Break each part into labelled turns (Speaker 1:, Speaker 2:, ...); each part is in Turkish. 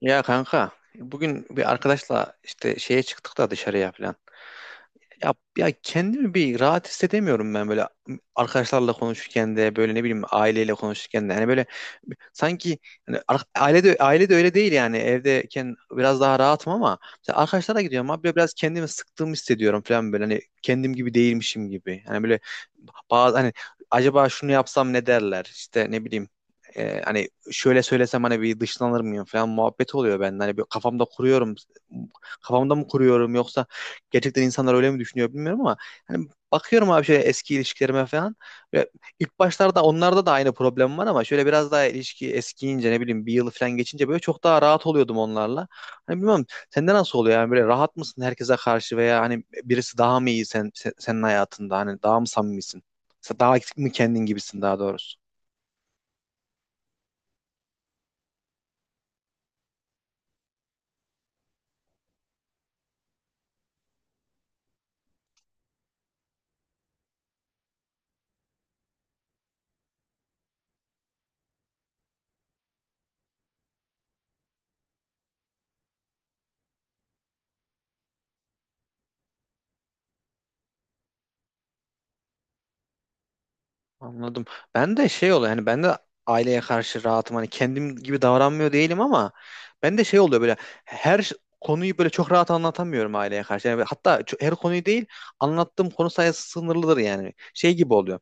Speaker 1: Ya kanka bugün bir arkadaşla işte şeye çıktık da dışarıya falan. Ya, kendimi bir rahat hissedemiyorum ben böyle arkadaşlarla konuşurken de böyle ne bileyim aileyle konuşurken de. Yani böyle sanki hani ailede öyle değil yani evdeyken biraz daha rahatım ama mesela arkadaşlara gidiyorum abi böyle biraz kendimi sıktığımı hissediyorum falan böyle hani kendim gibi değilmişim gibi. Yani böyle bazı hani acaba şunu yapsam ne derler işte ne bileyim hani şöyle söylesem hani bir dışlanır mıyım falan muhabbet oluyor bende. Hani bir kafamda kuruyorum. Kafamda mı kuruyorum yoksa gerçekten insanlar öyle mi düşünüyor bilmiyorum ama hani bakıyorum abi şöyle eski ilişkilerime falan. Ve ilk başlarda onlarda da aynı problem var ama şöyle biraz daha ilişki eskiyince ne bileyim bir yıl falan geçince böyle çok daha rahat oluyordum onlarla. Hani bilmiyorum sende nasıl oluyor yani böyle rahat mısın herkese karşı veya hani birisi daha mı iyi senin hayatında hani daha mı samimisin? Daha mı kendin gibisin daha doğrusu? Anladım. Ben de şey oluyor hani ben de aileye karşı rahatım hani kendim gibi davranmıyor değilim ama ben de şey oluyor böyle her ş- konuyu böyle çok rahat anlatamıyorum aileye karşı. Yani hatta her konuyu değil, anlattığım konu sayısı sınırlıdır yani. Şey gibi oluyor.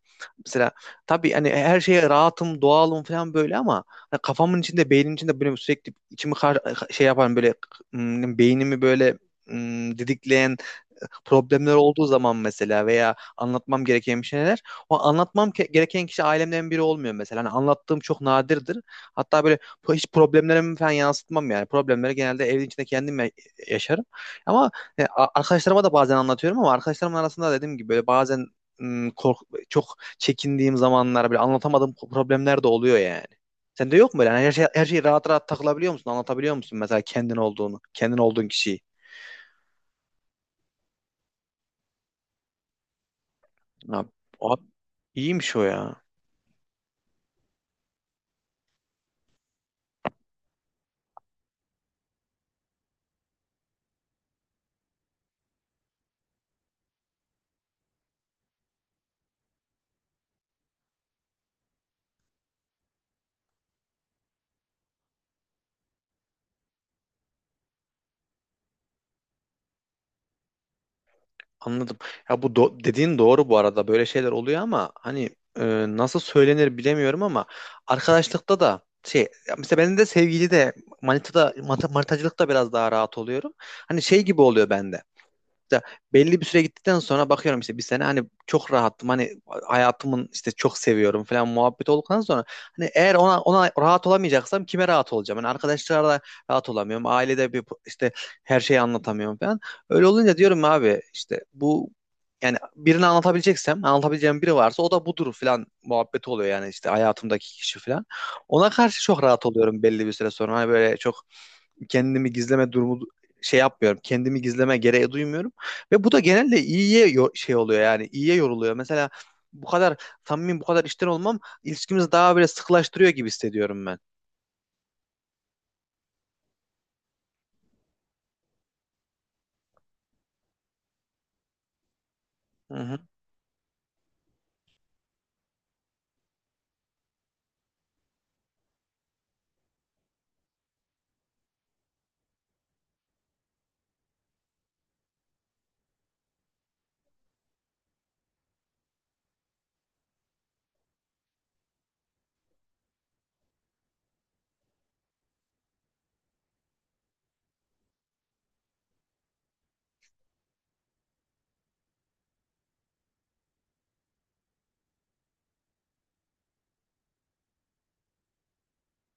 Speaker 1: Mesela tabii hani her şeye rahatım, doğalım falan böyle ama hani kafamın içinde, beynimin içinde böyle sürekli içimi şey yapan böyle, beynimi böyle didikleyen, problemler olduğu zaman mesela veya anlatmam gereken bir şeyler, o anlatmam gereken kişi ailemden biri olmuyor mesela. Hani anlattığım çok nadirdir. Hatta böyle hiç problemlerimi falan yansıtmam yani. Problemleri genelde evin içinde kendim yaşarım. Ama arkadaşlarıma da bazen anlatıyorum ama arkadaşlarımın arasında dediğim gibi böyle bazen mm, kork çok çekindiğim zamanlar böyle anlatamadığım problemler de oluyor yani. Sende yok mu böyle? Yani her şeyi rahat rahat takılabiliyor musun? Anlatabiliyor musun mesela kendin olduğunu, kendin olduğun kişiyi? Abi, abi, iyiymiş o ya. Anladım. Ya bu dediğin doğru bu arada. Böyle şeyler oluyor ama hani, nasıl söylenir bilemiyorum ama arkadaşlıkta da şey, ya mesela ben de sevgili de manitacılıkta biraz daha rahat oluyorum. Hani şey gibi oluyor bende. Ya belli bir süre gittikten sonra bakıyorum işte bir sene hani çok rahattım, hani hayatımın işte çok seviyorum falan muhabbet olduktan sonra hani eğer ona rahat olamayacaksam kime rahat olacağım? Hani arkadaşlarla rahat olamıyorum. Ailede bir işte her şeyi anlatamıyorum falan. Öyle olunca diyorum abi işte bu, yani birini anlatabileceksem, anlatabileceğim biri varsa o da budur falan muhabbeti oluyor yani işte hayatımdaki kişi falan. Ona karşı çok rahat oluyorum belli bir süre sonra. Hani böyle çok kendimi gizleme durumu şey yapmıyorum. Kendimi gizleme gereği duymuyorum. Ve bu da genelde şey oluyor yani. İyiye yoruluyor. Mesela bu kadar samimi, bu kadar içten olmam ilişkimizi daha böyle sıkılaştırıyor gibi hissediyorum ben. Hı hı.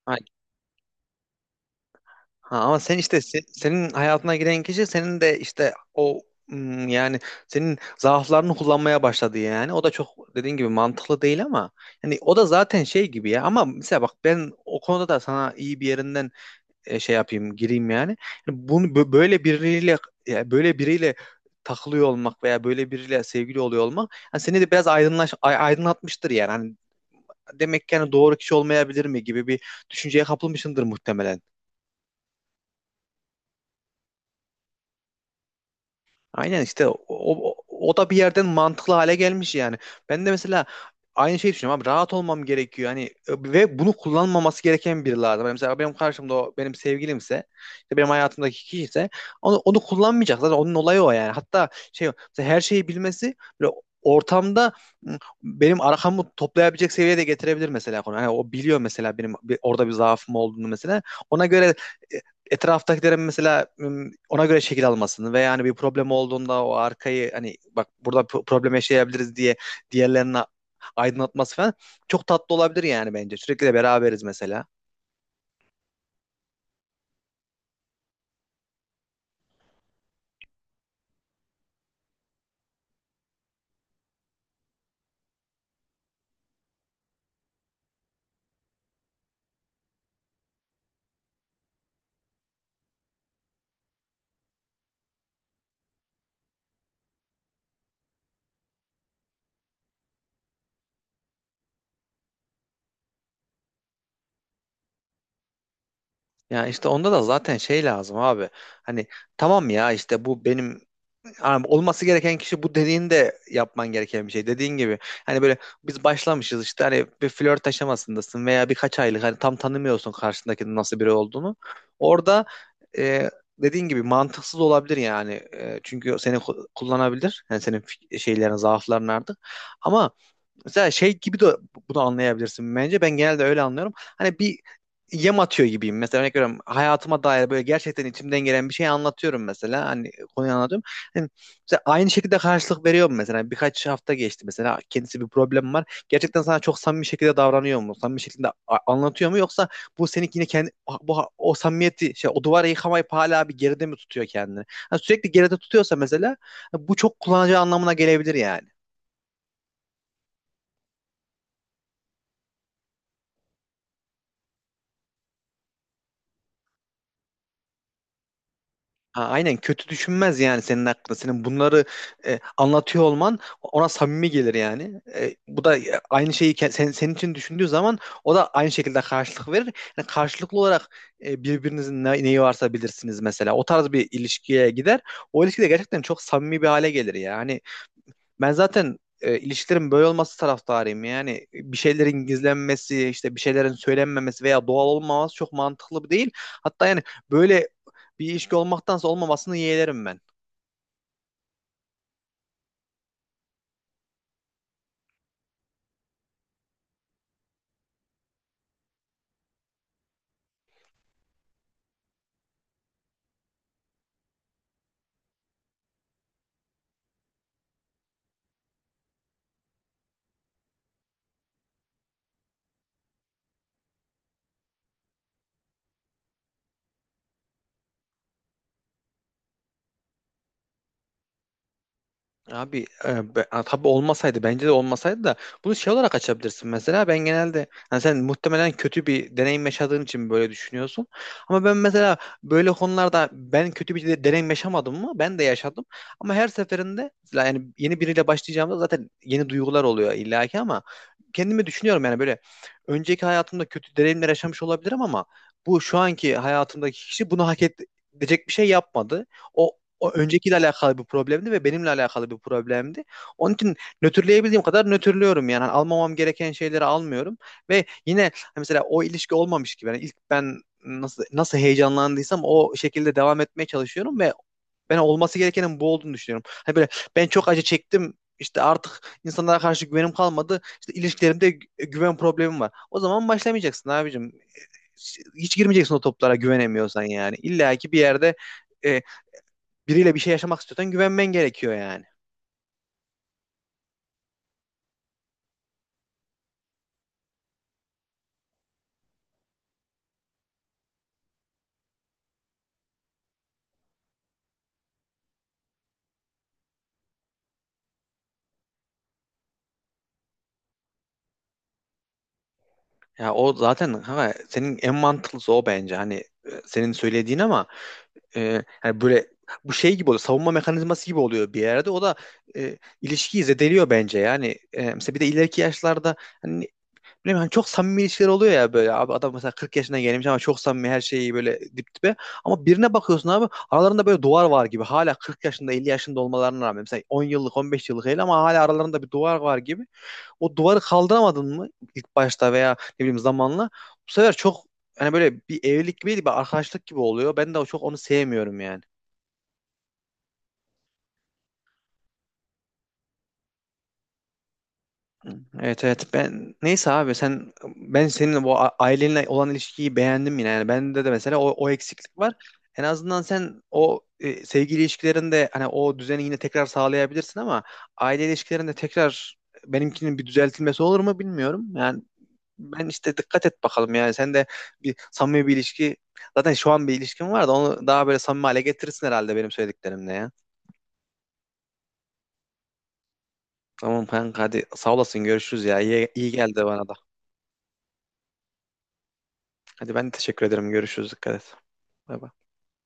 Speaker 1: Ha, ha, ama sen işte, senin hayatına giren kişi senin de işte o, yani senin zaaflarını kullanmaya başladı yani. O da çok dediğin gibi mantıklı değil ama yani o da zaten şey gibi ya, ama mesela bak ben o konuda da sana iyi bir yerinden şey yapayım, gireyim yani. Yani bunu böyle biriyle, ya böyle biriyle takılıyor olmak veya böyle biriyle sevgili oluyor olmak hani seni de biraz aydınlatmıştır yani. Hani demek ki hani doğru kişi olmayabilir mi gibi bir düşünceye kapılmışsındır muhtemelen. Aynen işte o da bir yerden mantıklı hale gelmiş yani. Ben de mesela aynı şeyi düşünüyorum abi, rahat olmam gerekiyor hani, ve bunu kullanmaması gereken biri lazım. Yani mesela benim karşımda o benim sevgilimse, işte benim hayatımdaki kişi ise onu kullanmayacak, zaten onun olayı o yani. Hatta şey, mesela her şeyi bilmesi böyle ortamda benim arkamı toplayabilecek seviyeye de getirebilir mesela konu. Hani o biliyor mesela benim orada bir zaafım olduğunu mesela. Ona göre e, etraftakilerin mesela ona göre şekil almasını ve yani bir problem olduğunda o arkayı, hani bak burada problem yaşayabiliriz diye diğerlerine aydınlatması falan çok tatlı olabilir yani bence. Sürekli de beraberiz mesela. Ya işte onda da zaten şey lazım abi. Hani tamam, ya işte bu benim, abi olması gereken kişi bu dediğin de yapman gereken bir şey. Dediğin gibi hani böyle biz başlamışız işte, hani bir flört aşamasındasın veya birkaç aylık, hani tam tanımıyorsun karşındakinin nasıl biri olduğunu. Orada e, dediğin gibi mantıksız olabilir yani. Çünkü seni kullanabilir. Yani senin şeylerin, zaafların artık. Ama mesela şey gibi de bunu anlayabilirsin bence. Ben genelde öyle anlıyorum. Hani bir yem atıyor gibiyim. Mesela örnek veriyorum, hayatıma dair böyle gerçekten içimden gelen bir şey anlatıyorum mesela. Hani konuyu anlatıyorum. Hani mesela aynı şekilde karşılık veriyor mu mesela? Birkaç hafta geçti, mesela kendisi bir problem var. Gerçekten sana çok samimi şekilde davranıyor mu? Samimi şekilde anlatıyor mu? Yoksa bu seni yine kendi, bu o samimiyeti şey, o duvarı yıkamayıp hala bir geride mi tutuyor kendini? Hani sürekli geride tutuyorsa mesela, bu çok kullanıcı anlamına gelebilir yani. Ha, aynen, kötü düşünmez yani senin hakkında. Senin bunları anlatıyor olman ona samimi gelir yani. Bu da, aynı şeyi senin için düşündüğü zaman o da aynı şekilde karşılık verir. Yani karşılıklı olarak birbirinizin neyi varsa bilirsiniz mesela. O tarz bir ilişkiye gider. O ilişki de gerçekten çok samimi bir hale gelir ya. Ben zaten ilişkilerin böyle olması taraftarıyım. Yani bir şeylerin gizlenmesi, işte bir şeylerin söylenmemesi veya doğal olmaması çok mantıklı değil. Hatta yani böyle bir ilişki olmaktansa olmamasını yeğlerim ben. Abi, tabii olmasaydı, bence de olmasaydı da bunu şey olarak açabilirsin mesela. Ben genelde hani, sen muhtemelen kötü bir deneyim yaşadığın için böyle düşünüyorsun ama ben mesela böyle konularda, ben kötü bir deneyim yaşamadım mı? Ben de yaşadım ama her seferinde mesela, yani yeni biriyle başlayacağımda zaten yeni duygular oluyor illaki, ama kendimi düşünüyorum yani böyle, önceki hayatımda kötü deneyimler yaşamış olabilirim ama bu şu anki hayatımdaki kişi bunu hak edecek bir şey yapmadı. O o öncekiyle alakalı bir problemdi ve benimle alakalı bir problemdi. Onun için nötrleyebildiğim kadar nötrlüyorum yani. Hani almamam gereken şeyleri almıyorum ve yine hani mesela o ilişki olmamış gibi, yani ilk ben nasıl heyecanlandıysam o şekilde devam etmeye çalışıyorum ve ben olması gerekenin bu olduğunu düşünüyorum. Hani böyle, ben çok acı çektim, işte artık insanlara karşı güvenim kalmadı, İşte ilişkilerimde güven problemim var, o zaman başlamayacaksın abicim. Hiç girmeyeceksin o toplara güvenemiyorsan yani. İlla ki bir yerde e, biriyle bir şey yaşamak istiyorsan güvenmen gerekiyor yani. Ya o zaten, ha, senin en mantıklısı o bence. Hani senin söylediğin ama, hani böyle, bu şey gibi oluyor. Savunma mekanizması gibi oluyor bir yerde. O da ilişkiyi zedeliyor bence. Yani mesela bir de ileriki yaşlarda hani, bilmiyorum, hani çok samimi ilişkiler oluyor ya, böyle abi adam mesela 40 yaşına gelmiş ama çok samimi, her şeyi böyle dip dibe. Ama birine bakıyorsun abi aralarında böyle duvar var gibi. Hala 40 yaşında, 50 yaşında olmalarına rağmen, mesela 10 yıllık 15 yıllık değil ama hala aralarında bir duvar var gibi. O duvarı kaldıramadın mı ilk başta veya ne bileyim zamanla, bu sefer çok, hani böyle bir evlilik gibi değil, bir arkadaşlık gibi oluyor. Ben de çok onu sevmiyorum yani. Evet, evet, ben neyse abi, sen, ben senin bu ailenle olan ilişkiyi beğendim yine yani, bende de mesela o eksiklik var. En azından sen o, sevgili ilişkilerinde hani o düzeni yine tekrar sağlayabilirsin ama aile ilişkilerinde tekrar, benimkinin bir düzeltilmesi olur mu bilmiyorum yani. Ben işte dikkat et bakalım, yani sen de bir samimi bir ilişki, zaten şu an bir ilişkin var da onu daha böyle samimi hale getirirsin herhalde benim söylediklerimle ya. Tamam kanka, hadi sağ olasın, görüşürüz ya, iyi geldi bana da. Hadi ben teşekkür ederim. Görüşürüz. Dikkat et. Bay bay.